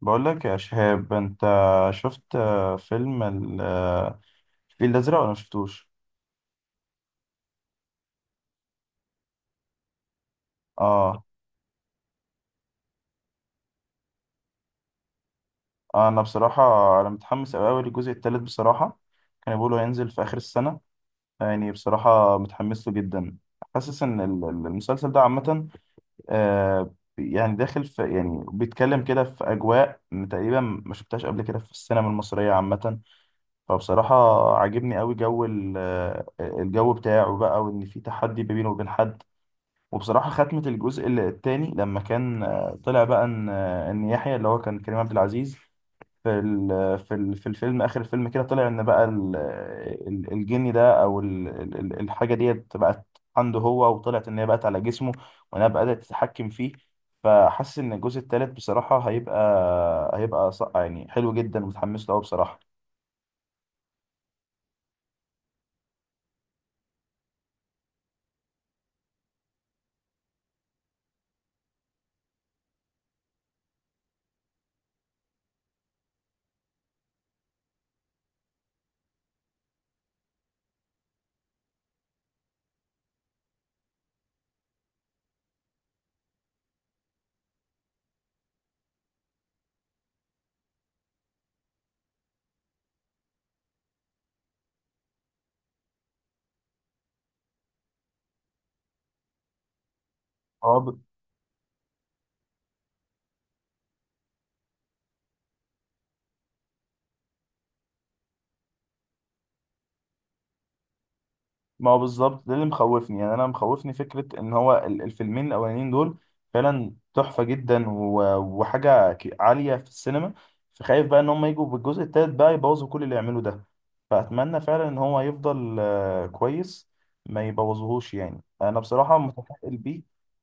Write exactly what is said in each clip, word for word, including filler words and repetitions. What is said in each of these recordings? بقول لك يا شهاب، انت شفت آه، فيلم ال- آه، الفيل الازرق ولا ما شفتوش؟ اه. انا بصراحه انا متحمس قوي قوي للجزء الثالث بصراحه. كانوا بيقولوا هينزل في اخر السنه، يعني بصراحه متحمس له جدا. حاسس ان ال- ال- المسلسل ده عامه آه، يعني داخل في يعني بيتكلم كده في اجواء تقريبا ما شفتهاش قبل كده في السينما المصريه عامه. فبصراحه عاجبني قوي جو ال- آه، الجو بتاعه بقى، وان في تحدي ما بينه وبين حد. وبصراحة ختمة الجزء الثاني لما كان آه، طلع بقى ان آه، ان يحيى اللي هو كان كريم عبد العزيز في ال- في ال- في الفيلم، اخر الفيلم كده طلع ان بقى ال- ال- الجني ده او ال- ال- ال- الحاجة ديت بقت عنده هو، وطلعت ان هي بقت على جسمه، وانها بدأت تتحكم فيه. فحاسس ان الجزء الثالث بصراحة هيبقى هيبقى ص- يعني حلو جدا، ومتحمس له أوي بصراحة. اه. ما هو بالظبط ده اللي مخوفني، يعني انا مخوفني فكره ان هو ال- الفيلمين الاولانيين دول فعلا تحفه جدا، و- وحاجه ك- عاليه في السينما. فخايف بقى ان هم يجوا بالجزء التالت بقى يبوظوا كل اللي يعملوا ده. فاتمنى فعلا ان هو يفضل آه، كويس، ما يبوظهوش. يعني انا بصراحه متفائل بيه.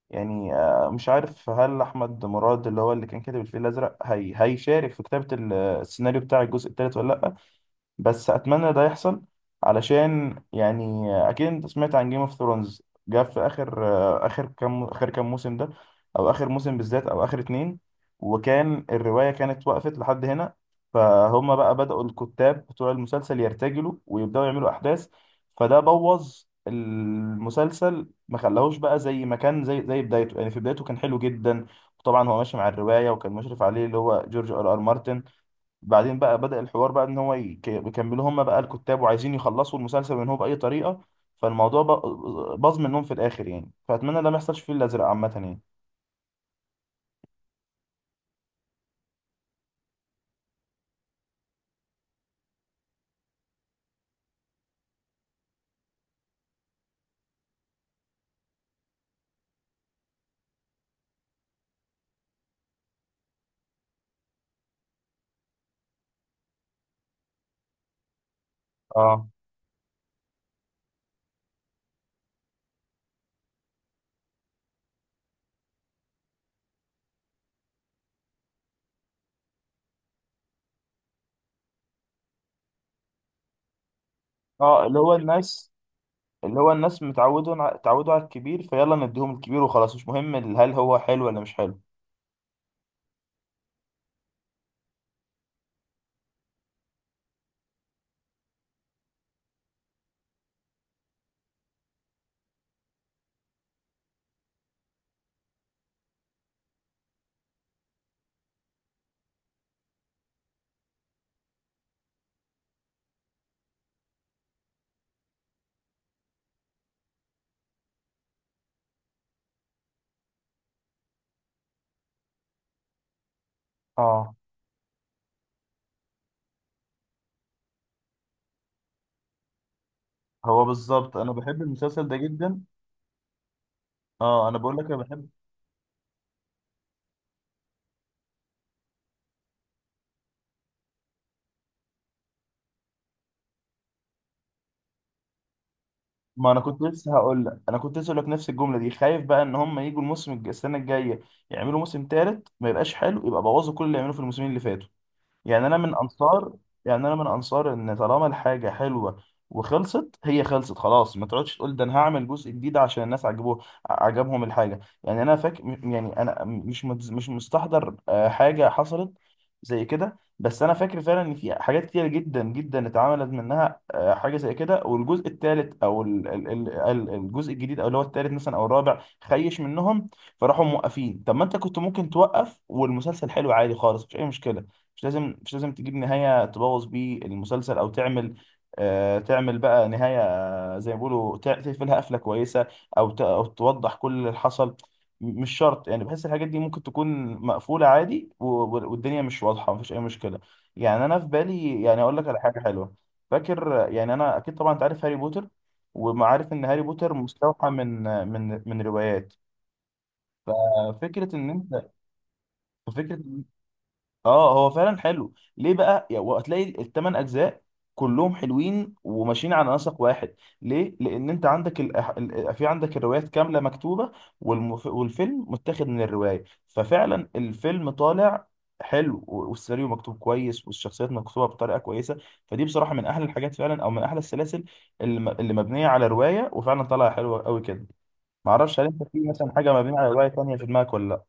يعني آه، مش عارف هل احمد مراد اللي هو اللي كان كاتب الفيل الازرق هي هيشارك في كتابه ال- السيناريو بتاع الجزء التالت ولا لا، بس اتمنى ده يحصل. علشان يعني اكيد انت سمعت عن جيم اوف ثرونز، جاب في اخر اخر كام اخر كام موسم ده، او اخر موسم بالذات او اخر اتنين، وكان الرواية كانت وقفت لحد هنا. فهم بقى بدأوا الكتاب بتوع المسلسل يرتجلوا ويبدأوا يعملوا احداث، فده بوظ المسلسل، ما خلاهوش بقى زي ما كان، زي زي بدايته. يعني في بدايته كان حلو جدا. وطبعا هو ماشي مع الرواية، وكان مشرف عليه اللي هو جورج ار ار مارتن. بعدين بقى بدأ الحوار بقى ان هو يك- يكملوا هم بقى الكتاب، وعايزين يخلصوا المسلسل من هو بأي طريقة. فالموضوع بق- باظ منهم في الآخر، يعني. فأتمنى ده ما يحصلش فيه الأزرق عامة يعني. اه. اه، اللي هو الناس اللي هو الناس متعودوا اتعودوا على الكبير، فيلا نديهم الكبير وخلاص، مش مهم ال- هل هو حلو ولا مش حلو. اه. هو بالظبط انا بحب المسلسل ده جدا. اه، انا بقول لك، انا بحب. ما انا كنت لسه هقول لك انا كنت لسه هقول لك نفس الجمله دي. خايف بقى ان هم يجوا الموسم الج- السنه الجايه، يعملوا موسم تالت ما يبقاش حلو، يبقى بوظوا كل اللي عملوه في الموسمين اللي فاتوا. يعني انا من انصار يعني انا من انصار ان طالما الحاجه حلوه وخلصت، هي خلصت خلاص. ما تقعدش تقول ده انا هعمل جزء جديد عشان الناس عجبوه عجبهم الحاجه. يعني انا فاكر، يعني انا مش متز- مش مستحضر آه، حاجه حصلت زي كده، بس انا فاكر فعلا ان في حاجات كتير جدا جدا اتعملت منها آه، حاجه زي كده، والجزء الثالث او ال- ال- ال- ال- الجزء الجديد، او اللي هو الثالث مثلا او الرابع، خيش منهم، فراحوا موقفين. طب ما انت كنت ممكن توقف والمسلسل حلو عادي خالص، مش اي مشكله. مش لازم مش لازم تجيب نهاية تبوظ بيه المسلسل، او تعمل آه تعمل بقى نهاية، آه، زي ما بيقولوا تع- تقفلها قفلة كويسة، او ت- او توضح كل اللي حصل. م- مش شرط. يعني بحس الحاجات دي ممكن تكون مقفولة عادي، و- و- والدنيا مش واضحة، مفيش اي مشكلة. يعني انا في بالي، يعني اقول لك على حاجة حلوة. فاكر، يعني انا اكيد طبعا انت عارف هاري بوتر، ومعارف ان هاري بوتر مستوحى من من من روايات. آه، فكرة ان انت فكرة اه، هو فعلا حلو. ليه بقى؟ يا- وهتلاقي الثمان اجزاء كلهم حلوين وماشيين على نسق واحد. ليه؟ لان انت عندك ال... ال- في عندك الروايات كامله مكتوبه، والمف... والفيلم متاخد من الروايه. ففعلا الفيلم طالع حلو، و- والسيناريو مكتوب كويس، والشخصيات مكتوبه بطريقه كويسه. فدي بصراحه من احلى الحاجات فعلا، او من احلى السلاسل اللي, م... اللي مبنيه على روايه وفعلا طالعه حلوه قوي كده. معرفش هل انت في مثلا حاجه مبنيه على روايه تانيه في دماغك ولا لا.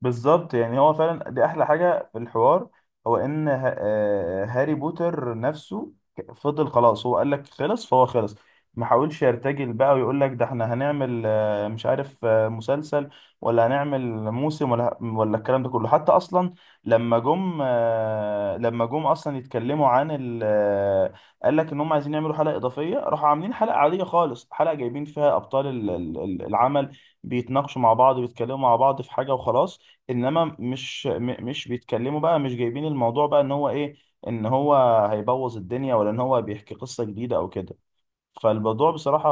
بالظبط، يعني هو فعلا دي احلى حاجه في الحوار. هو ان ه- آه، هاري بوتر نفسه ك- فضل خلاص. هو قال لك خلص، فهو خلص. ما حاولش يرتجل بقى، ويقول لك ده احنا هنعمل آه، مش عارف آه، مسلسل، ولا هنعمل موسم، ولا ولا الكلام ده كله حتى اصلا. لما جم آه، لما جم اصلا يتكلموا عن ال آه، قال لك ان هم عايزين يعملوا حلقه اضافيه، راحوا عاملين حلقه عاديه خالص، حلقه جايبين فيها ابطال ال- ال- العمل بيتناقشوا مع بعض، وبيتكلموا مع بعض في حاجه وخلاص. انما مش م- مش بيتكلموا بقى، مش جايبين الموضوع بقى ان هو ايه، ان هو هيبوظ الدنيا، ولا ان هو بيحكي قصة جديدة او كده. فالموضوع بصراحة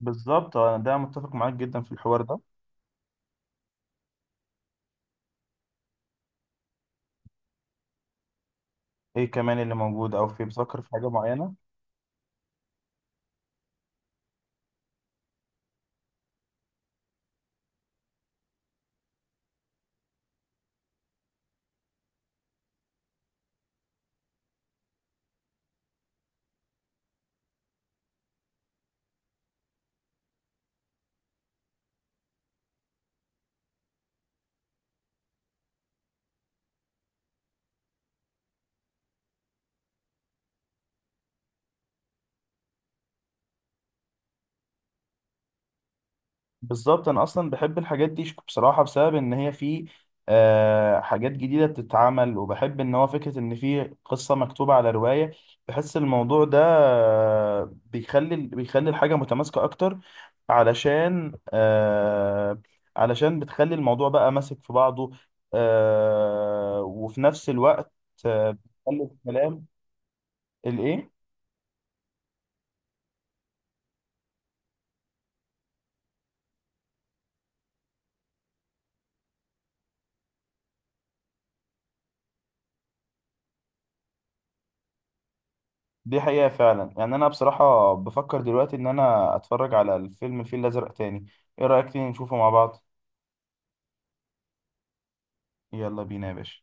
بالظبط، انا ده متفق معاك جدا في الحوار ده. ايه كمان اللي موجود، او في بتفكر في حاجة معينة؟ بالظبط، انا اصلا بحب الحاجات دي بصراحه بسبب ان هي في آه، حاجات جديده بتتعمل، وبحب ان هو فكره ان في قصه مكتوبه على روايه. بحس الموضوع ده آه، بيخلي بيخلي الحاجه متماسكه اكتر، علشان آه، علشان بتخلي الموضوع بقى ماسك في بعضه، آه، وفي نفس الوقت آه، بتخلي الكلام الايه. دي حقيقة فعلا، يعني أنا بصراحة بفكر دلوقتي إن أنا أتفرج على الفيلم الفيل الأزرق تاني. إيه رأيك تيجي نشوفه مع بعض؟ يلا بينا يا باشا.